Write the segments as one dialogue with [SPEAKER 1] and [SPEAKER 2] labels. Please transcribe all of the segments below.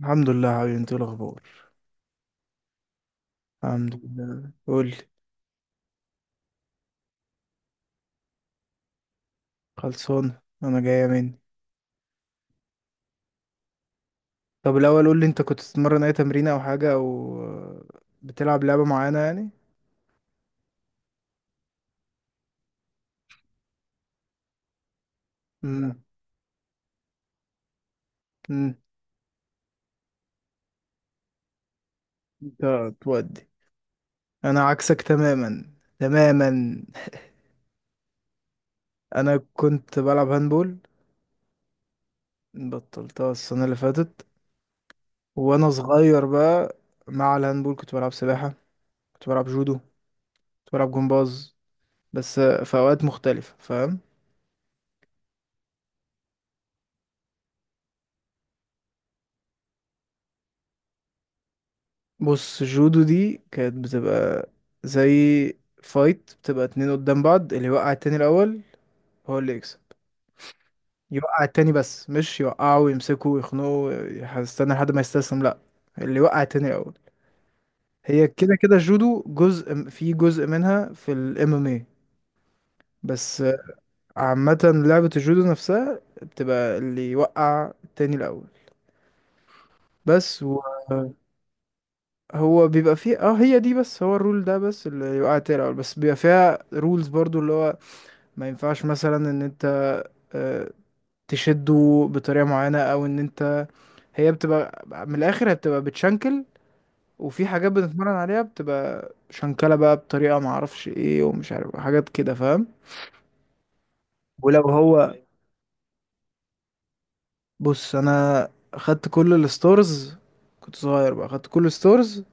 [SPEAKER 1] الحمد لله حبيبي، انت ايه الاخبار؟ الحمد لله، قول لي. خلصان، انا جايه مني. طب الاول قول لي، انت كنت بتتمرن اي تمرين او حاجه او بتلعب لعبه معينه يعني. امم. امم. لا، تودي. انا عكسك تماما. تماما. انا كنت بلعب هاندبول. بطلتها السنه اللي فاتت وانا صغير بقى. مع الهاندبول كنت بلعب سباحه. كنت بلعب جودو. كنت بلعب جمباز. بس في اوقات مختلفه، فاهم. بص، جودو دي كانت بتبقى زي فايت. بتبقى اتنين قدام بعض، اللي يوقع التاني الأول هو اللي يكسب. يوقع التاني، بس مش يوقعه ويمسكه ويخنقه. هستنى لحد ما يستسلم، لأ. اللي يوقع التاني الأول. هي كده كده الجودو جزء في جزء منها في ال MMA. بس. عامة، لعبة الجودو نفسها بتبقى اللي يوقع التاني الأول بس. و... هو بيبقى فيه، هي دي بس. هو الرول ده بس، اللي يوقع التاني الأول بس. بيبقى فيها رولز برضو، اللي هو ما ينفعش مثلا ان انت آه، تشده بطريقة معينة، او ان انت... هي بتبقى من الاخر، هي بتبقى بتشنكل. وفي حاجات بنتمرن عليها بتبقى شنكلة بقى بطريقة معرفش ايه ومش عارف، حاجات كده، فاهم. ولو هو... بص انا خدت كل الستورز. كنت صغير بقى، خدت كل الستورز.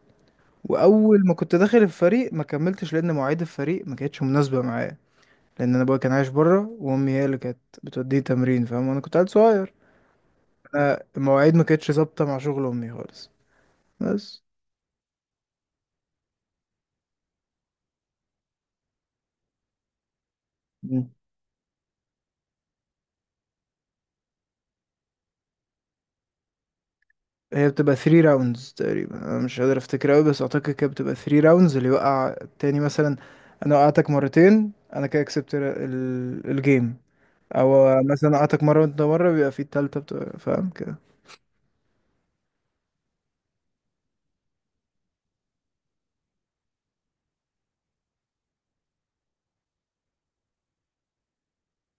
[SPEAKER 1] واول ما كنت داخل الفريق ما كملتش، لان مواعيد الفريق ما كانتش مناسبة معايا. لان انا ابويا كان عايش بره، وامي هي اللي كانت بتوديه تمرين، فاهم، وانا كنت عيل صغير. أنا المواعيد ما كانتش ظابطة مع شغل أمي خالص. بس. مم. هي بتبقى 3 راوندز تقريبا. أنا مش قادر أفتكر أوي، بس أعتقد كده بتبقى 3 راوندز. اللي يوقع التاني، مثلا أنا وقعتك مرتين، أنا كده كسبت الجيم. أو مثلا وقعتك مرة وأنت مرة، بيبقى في التالتة، بتبقى فاهم كده.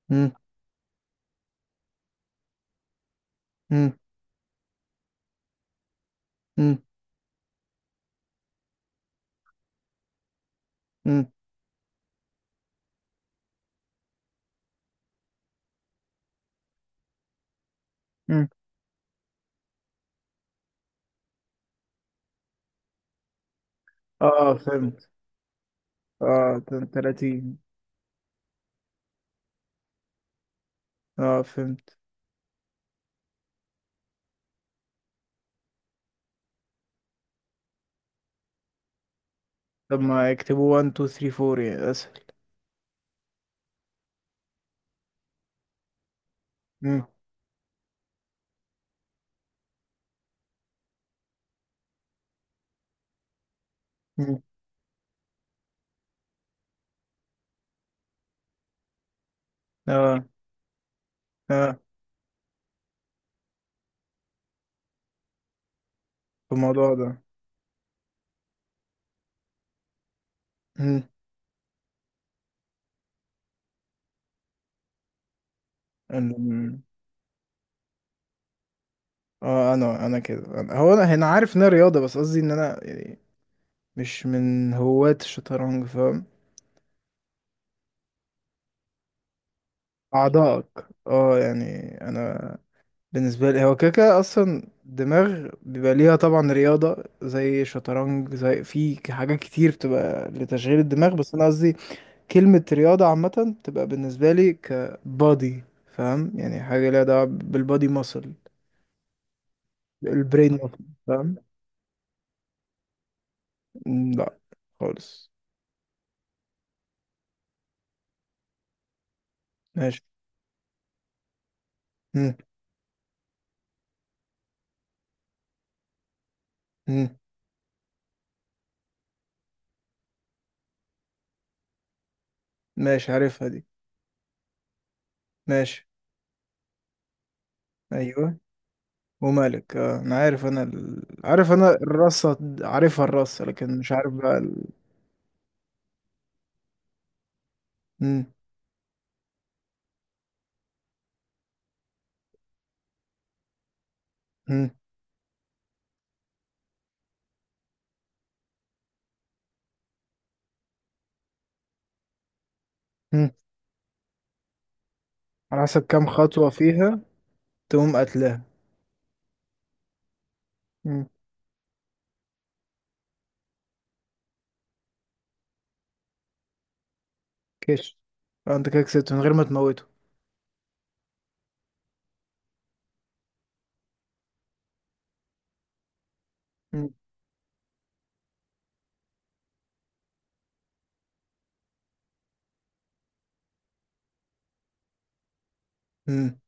[SPEAKER 1] مم. مم. مم. مم. مم. اه فهمت. اه 30. اه فهمت. طب ما يكتبوا 1 2 3 4 يعني أسهل. مم. مم. اه اه الموضوع ده. أنا- اه انا كده، هو انا عارف انها رياضة، بس قصدي ان انا يعني مش من هواة الشطرنج، فاهم. اعضائك، اه، يعني. انا بالنسبة لي هو كده كده اصلا دماغ بيبقى ليها، طبعا رياضة زي شطرنج، زي في حاجات كتير بتبقى لتشغيل الدماغ، بس انا قصدي كلمة رياضة عامة بتبقى بالنسبة لي كبادي، فاهم، يعني حاجة ليها دعوة بالبادي ماسل، البرين ماسل، فاهم. لا. خالص. ماشي. مم. ماشي، عارفها دي. ماشي. ايوه، ومالك. اه انا عارف، انا ال... عارف انا الرصة، عارفها الرصة، لكن مش عارف بقى ال... مم. مم. مم. على حسب كام خطوة فيها تقوم قتلها. مم. كش. اه انت كده كسبت من غير ما تموته. مم. مم.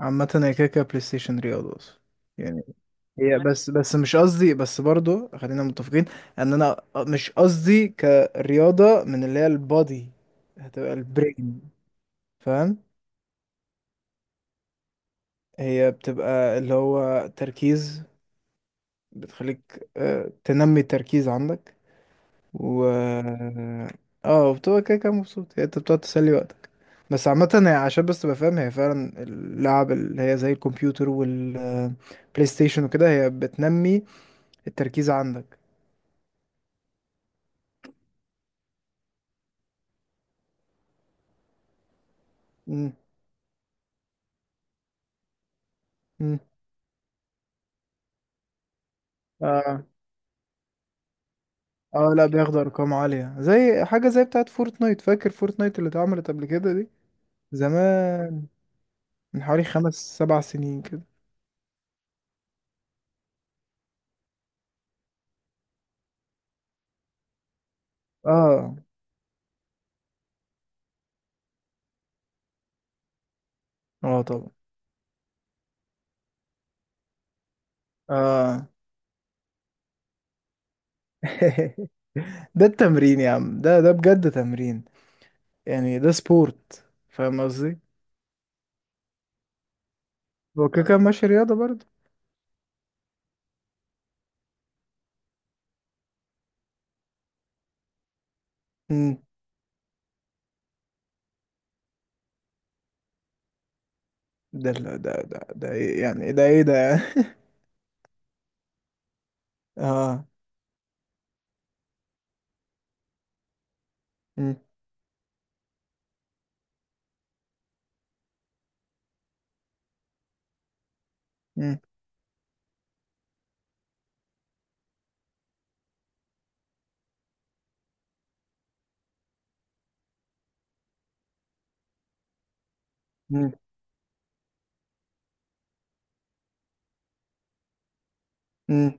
[SPEAKER 1] عامة هي كده كده بلاي ستيشن رياضة اصلا، يعني. هي بس مش قصدي، بس برضو خلينا متفقين ان انا مش قصدي كرياضة من اللي هي البادي، هتبقى البرين، فاهم. هي بتبقى اللي هو تركيز، بتخليك تنمي التركيز عندك، و... اه بتبقى كده كده مبسوط، هي انت بتقعد تسلي وقتك، بس عامة هي عشان بس تبقى فاهم، هي فعلا اللعب اللي هي زي الكمبيوتر والبلاي ستيشن وكده هي بتنمي التركيز عندك. مم. مم. اه اه لا، بياخدوا ارقام عالية زي حاجة زي بتاعت فورتنايت. فاكر فورتنايت اللي اتعملت قبل كده دي، زمان، من حوالي 5 7 سنين كده. اه اه طبعا. اه. ده التمرين يا عم، ده بجد تمرين، يعني ده سبورت، فاهم قصدي. هو كده كده ماشي رياضة برضه. امم. ده إيه يعني، ده ايه ده يعني؟ اه. امم. امم. امم. امم.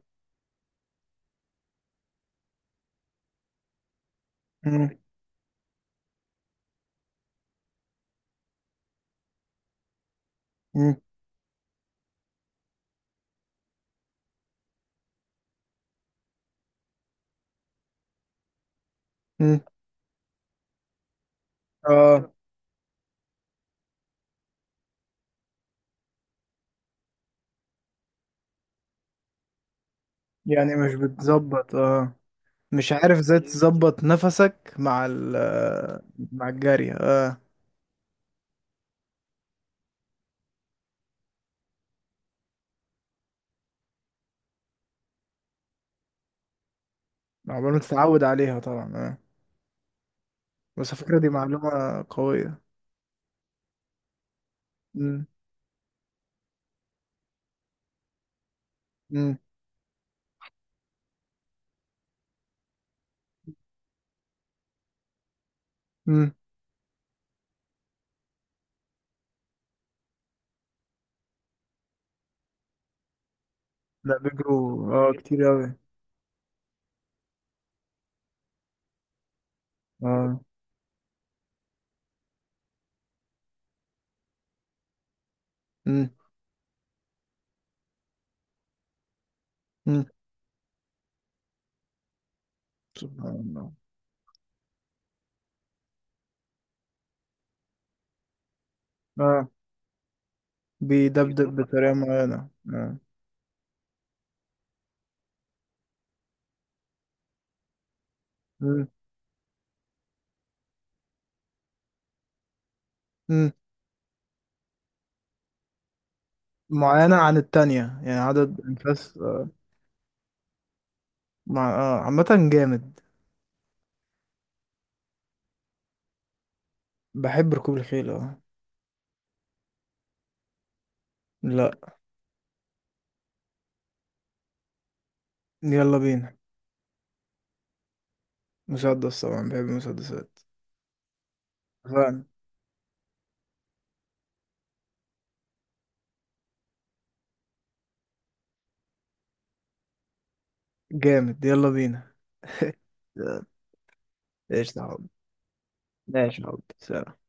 [SPEAKER 1] امم. امم. أمم. اه يعني مش بتظبط، اه. مش عارف ازاي تظبط نفسك مع ال... مع الجري، اه. عقبال ما تتعود عليها طبعا، اه. بس على فكرة دي معلومة قوية. امم. امم. لا، بيجروا اه كتير أوي. اه. مم. مم. سبحان الله. اه، بيدبدب بطريقة معينة، آه. مم. مم. معينة عن التانية، يعني عدد أنفاس، آه. مع... آه. عامة، جامد. بحب ركوب الخيل، اه. لا. يلا بينا. مسدس طبعا، بحب المسدسات. فعلا. جامد، يلا بينا. ايش يا حب. ماشي يا حب، سلام.